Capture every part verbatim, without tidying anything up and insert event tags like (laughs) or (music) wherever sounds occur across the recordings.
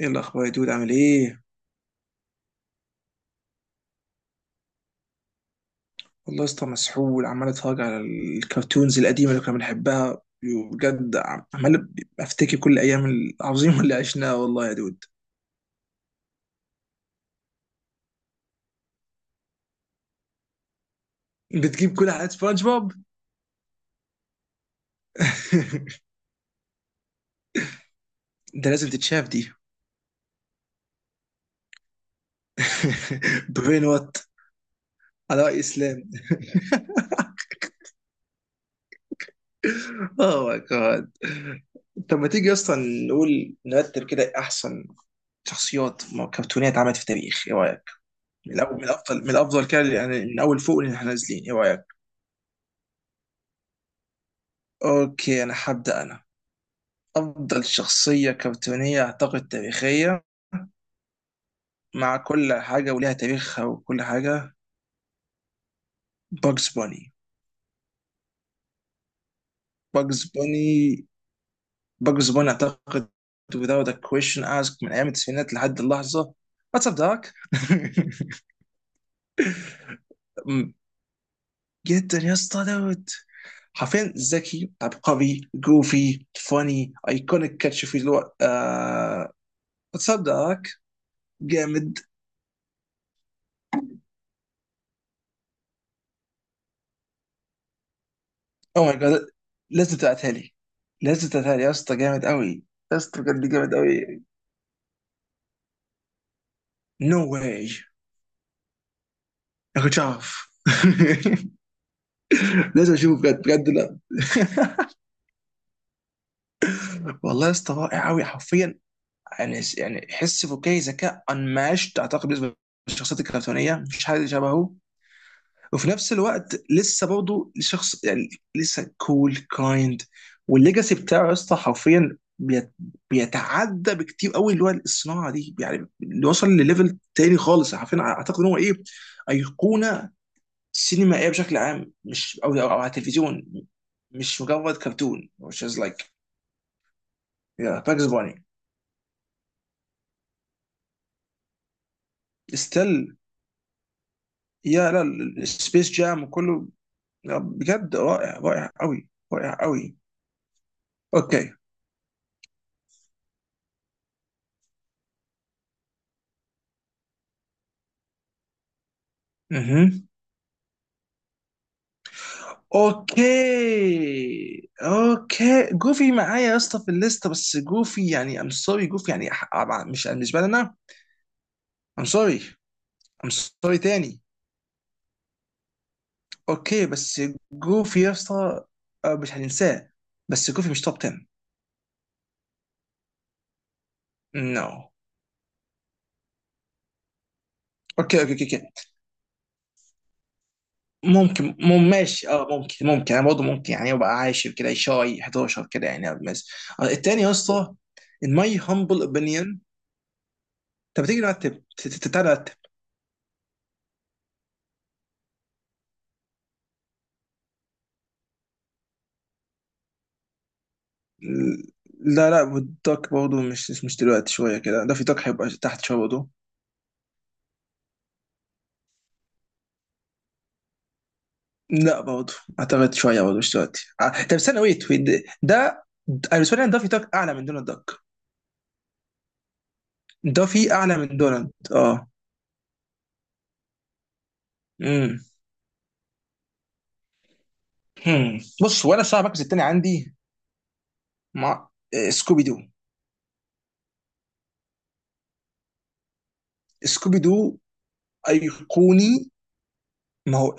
ايه الاخبار يا دود؟ عامل ايه؟ والله يا اسطى مسحول، عمال اتفرج على الكرتونز القديمه اللي كنا بنحبها. بجد عم- عمال افتكر كل ايام العظيمه اللي عشناها والله يا دود. بتجيب كل حلقات سبونج بوب؟ (laughs) ده لازم تتشاف دي. (laughs) برين وات. على رأي اسلام، اوه ماي جاد. طب ما تيجي اصلا نقول نرتب كده احسن شخصيات كرتونيه اتعملت في التاريخ، ايه رايك؟ من الأول- من الافضل، من الافضل كده يعني، من اول فوق اللي احنا نازلين، ايه رايك؟ اوكي انا هبدأ انا. افضل شخصية كرتونية اعتقد تاريخية، مع كل حاجة وليها تاريخها وكل حاجة، باجز بوني. باجز بوني. باجز بوني اعتقد without a question ask من ايام التسعينات لحد اللحظة. واتس اب داك. (laughs) جدا يا اسطى دوت. حرفيا ذكي، عبقري، جوفي، فاني، ايكونيك، كاتش في الوقت. واتس اب داك جامد. او ماي جاد، لازم تبعتها لي. لازم تبعتها لي يا اسطى، جامد قوي. يا اسطى بجد جامد قوي. نو واي، ما كنتش اعرف. (laughs) لازم اشوفه بجد بجد. لا، (laughs) والله يا اسطى رائع قوي حرفيا. يعني يعني حس فكاهي، ذكاء unmatched اعتقد بالنسبه للشخصيات الكرتونيه، مفيش حد شبهه. وفي نفس الوقت لسه برضه شخص يعني، لسه كول كايند. والليجاسي بتاعه يا اسطى حرفيا بيت- بيتعدى بكتير قوي اللي هو الصناعه دي يعني، اللي وصل لليفل تاني خالص. عارفين اعتقد ان هو ايه؟ ايقونه سينمائيه بشكل عام، مش او او على التلفزيون، مش مجرد كرتون which is like yeah. باكس بوني ستيل. يا لا، سبيس جام وكله. لا، بجد رائع، رائع قوي، رائع قوي. اوكي. اها، اوكي اوكي، جوفي معايا يا اسطى في الليسته، بس جوفي يعني ام سوري، جوفي يعني أح- أبع- مش بالنسبه لنا. ام سوري. ام سوري تاني. اوكي بس جوفي يا اسطى، آه، مش هننساه. بس جوفي مش توب عشرة. نو، no. اوكي، اوكي، اوكي، أوكي. ممكن، مم، ماشي، اه ممكن ممكن انا برضه ممكن يعني يبقى عاشر كده، شاي أحد عشر كده يعني بس. آه، التاني يا اسطى in my humble opinion. طب تيجي نرتب ت- ت- تعالى نرتب. لا لا والدوك برضه مش مش دلوقتي، شوية كده، ده في دوك هيبقى تحت شوية برضه. لا برضه، أعتقد شوية برضه مش دلوقتي. آه، طب استنى، ويت ويت ده ده- أنا بالنسبة لي أنا دافي دوك أعلى من دونالد دوك. دافي أعلى من دونالد أه. امم. هم. بص، وأنا الصراحة المركز التاني عندي مع آه، سكوبي دو. سكوبي دو أيقوني. ما هو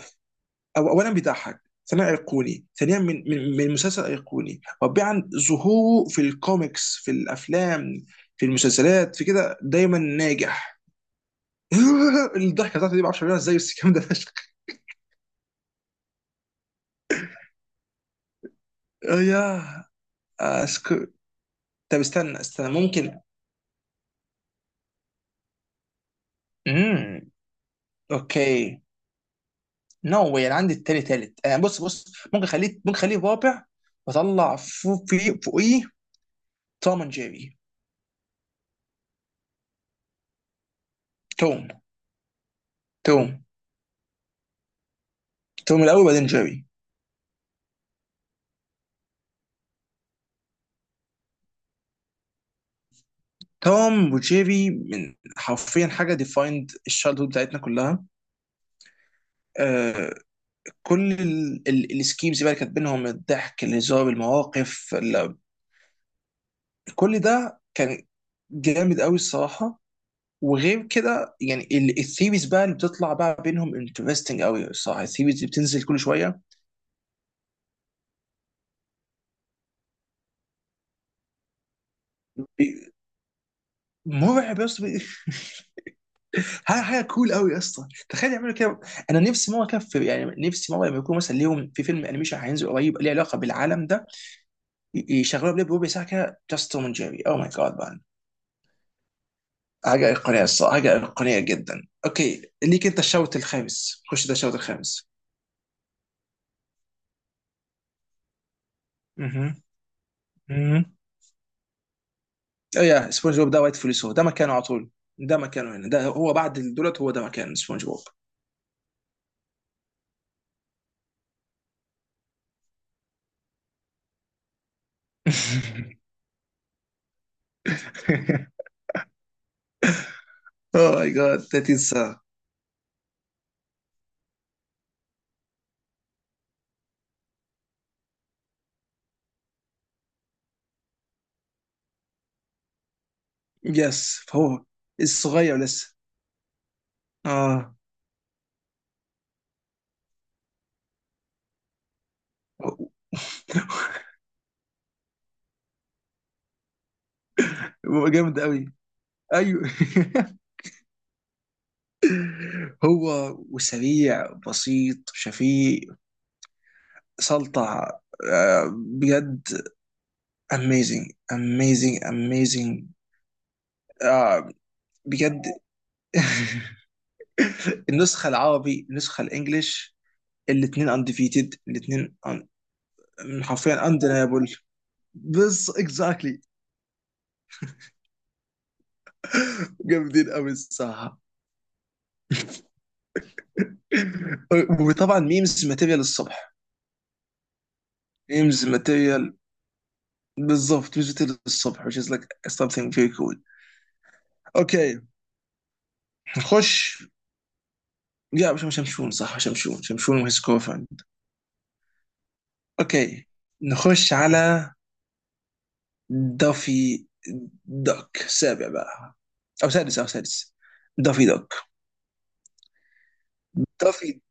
أو اولا بيضحك، ثانيا ايقوني، ثانيا من من من مسلسل ايقوني، رابعا ظهوره في الكوميكس، في الافلام، في المسلسلات، في كده دايما ناجح. (laughs) الضحكه بتاعته دي ما اعرفش اعملها ازاي بس الكلام ده فشخ. آه يا، اسكت. طب استنى، استنى ممكن. امم. اوكي، نو واي. انا عندي التاني تالت آه، بص بص ممكن خليه، ممكن خليه رابع واطلع فوق في فوقيه. توم اند جيري. توم. توم توم الاول بعدين جيري. توم وجيري من حرفيا حاجه ديفايند الشالدهود بتاعتنا كلها. آه، كل السكيمز بقى اللي كانت بينهم، الضحك، الهزار، المواقف ال- كل ده كان جامد قوي الصراحه. وغير كده يعني، الثيريز بقى اللي بتطلع بقى بينهم انترستنج قوي الصراحه، الثيريز اللي بتنزل كل شويه. بي- مرعب يا اسطى. حاجه حاجه كول قوي يا اسطى. تخيل يعملوا كده. انا نفسي مره كده في- يعني نفسي مره لما يكون مثلا ليهم في فيلم انيميشن هينزل قريب ليه علاقه بالعالم ده، يشغلون لي بوبي ساكا جاست توم جيري. او ماي جاد مان، حاجه ايقونيه الصراحه، حاجه ايقونيه جدا. اوكي ليك، انت الشوط الخامس، خش، ده الشوط الخامس. مهم. مهم. اه يا، سبونج بوب ده وايت فلوس، هو ده مكانه على طول. ده مكانه هنا، ده هو بعد دولت، هو ده مكان سبونج بوب. (laughs) اوه ماي جاد. (laughs) ده تنسى. يس فهو الصغير لسه. اه. هو جامد قوي. ايوه. (laughs) هو وسريع، بسيط، شفيق. سلطة. آه، بجد amazing amazing amazing. آه، بجد. (laughs) النسخة العربي، النسخة الانجليش، الاثنين undefeated، الاثنين un- حرفيا undeniable. بس exactly. جامدين قوي الصراحة. (laughs) وطبعا ميمز ماتيريال الصبح. ميمز ماتيريال. بالظبط ميمز ماتيريال الصبح which is like something very cool. اوكي، نخش. لا، مش مش شمشون، صح. شمشون شمشون وهيز. اوكي. نخش على دافي دوك. سابع بقى، او سادس او سادس. دافي دوك. دافي،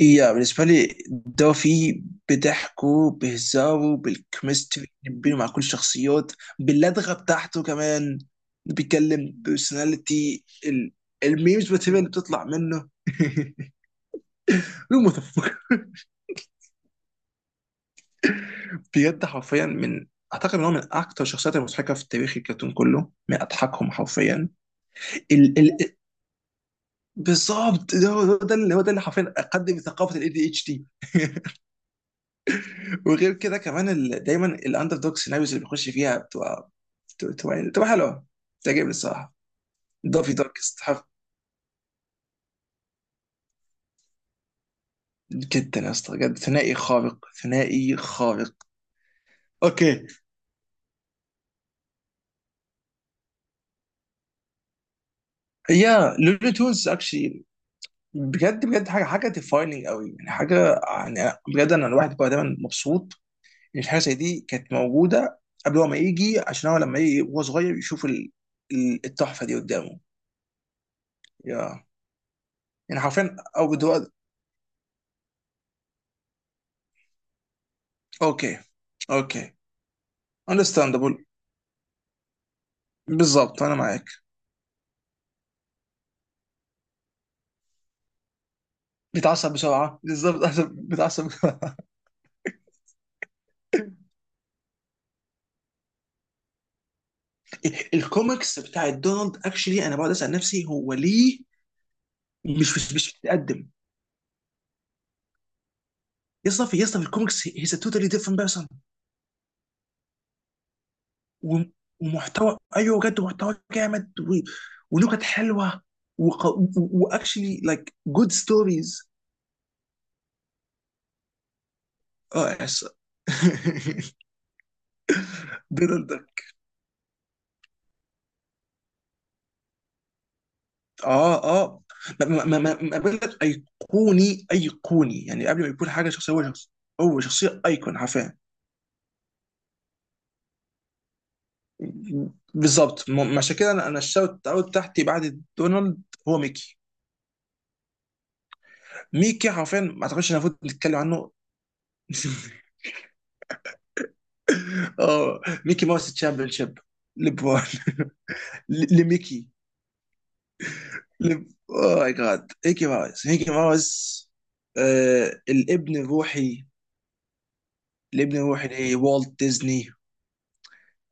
يا بالنسبة لي دافي، بضحكه، بهزاره، بالكيمستري بينه مع كل الشخصيات، باللدغة بتاعته كمان، بيتكلم، بيرسوناليتي، الميمز والتبين اللي بتطلع منه. (laughs) المتفق، بجد حرفيا من، اعتقد ان هو من اكتر الشخصيات المضحكه في تاريخ الكرتون كله، من اضحكهم حرفيا. ال ال بالظبط ده هو، هو ده اللي هو ده اللي حرفيا اقدم ثقافه الاي دي اتش دي. وغير كده كمان ال دايما الاندر دوج سيناريوز اللي بيخش فيها بتبقى، بتبقى بتبقى يعني بتبقى حلوه، بتعجبني الصراحه. دافي دارك يستحق. جدا يا اسطى بجد، ثنائي خارق، ثنائي خارق. اوكي. يا لولو تونز اكشلي، بجد بجد، حاجه، حاجه ديفايننج قوي يعني، حاجه يعني بجد انا الواحد بقى دايما مبسوط الحاجه زي دي كانت موجوده قبل هو ما يجي، عشان هو لما يجي وهو صغير يشوف ال- ال- التحفه دي قدامه. يا، يعني حرفيا او بدو. اوكي اوكي understandable. بالظبط انا معاك. بيتعصب بسرعه، بالظبط أنا بيتعصب بسرعه. (laughs) الكوميكس بتاعت دونالد اكشلي انا بقعد اسال نفسي هو ليه مش مش مش بيتقدم. يا اسطى في، يا اسطى في الكوميكس هيز توتالي ديفرنت بيرسون. و- ومحتوى، ايوه بجد محتوى جامد و... ونكت حلوه، وق... واكشلي لايك جود ستوريز. اه يس. (laughs) دونالد داك، اه اه. ما ما ما ما- ما بقول لك، ايقوني، ايقوني يعني، قبل ما يكون حاجه شخصيه هو شخص، هو شخصيه ايكون حرفيا. بالظبط م- عشان كده انا انا الشوت اوت تحتي بعد دونالد هو ميكي. ميكي حرفيا ما اعتقدش ان المفروض نتكلم عنه. (laughs) اه، ميكي ماوس تشامبيون شيب، ليبرون لميكي. ل... اوه ماي جاد، ميكي ماوس، ميكي ماوس، آه، الابن الروحي، الابن الروحي لوالت ديزني،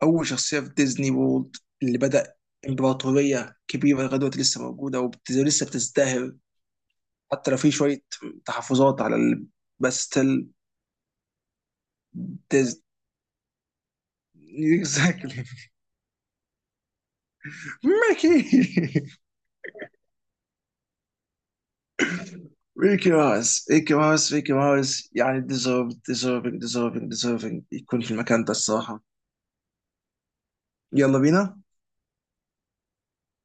اول شخصيه في ديزني وولد، اللي بدا امبراطوريه كبيره لغايه دلوقتي لسه موجوده وبت- ولسه بتزدهر، حتى لو في شويه تحفظات على ال... بس ستيل ديزني. اكزاكتلي. ميكي. ميكي ماوس، ميكي ماوس، ميكي ماوس يعني ديزيرف، ديزيرفينج، ديزيرفينج ديزيرفينج يكون في المكان ده الصراحه. يلا بينا.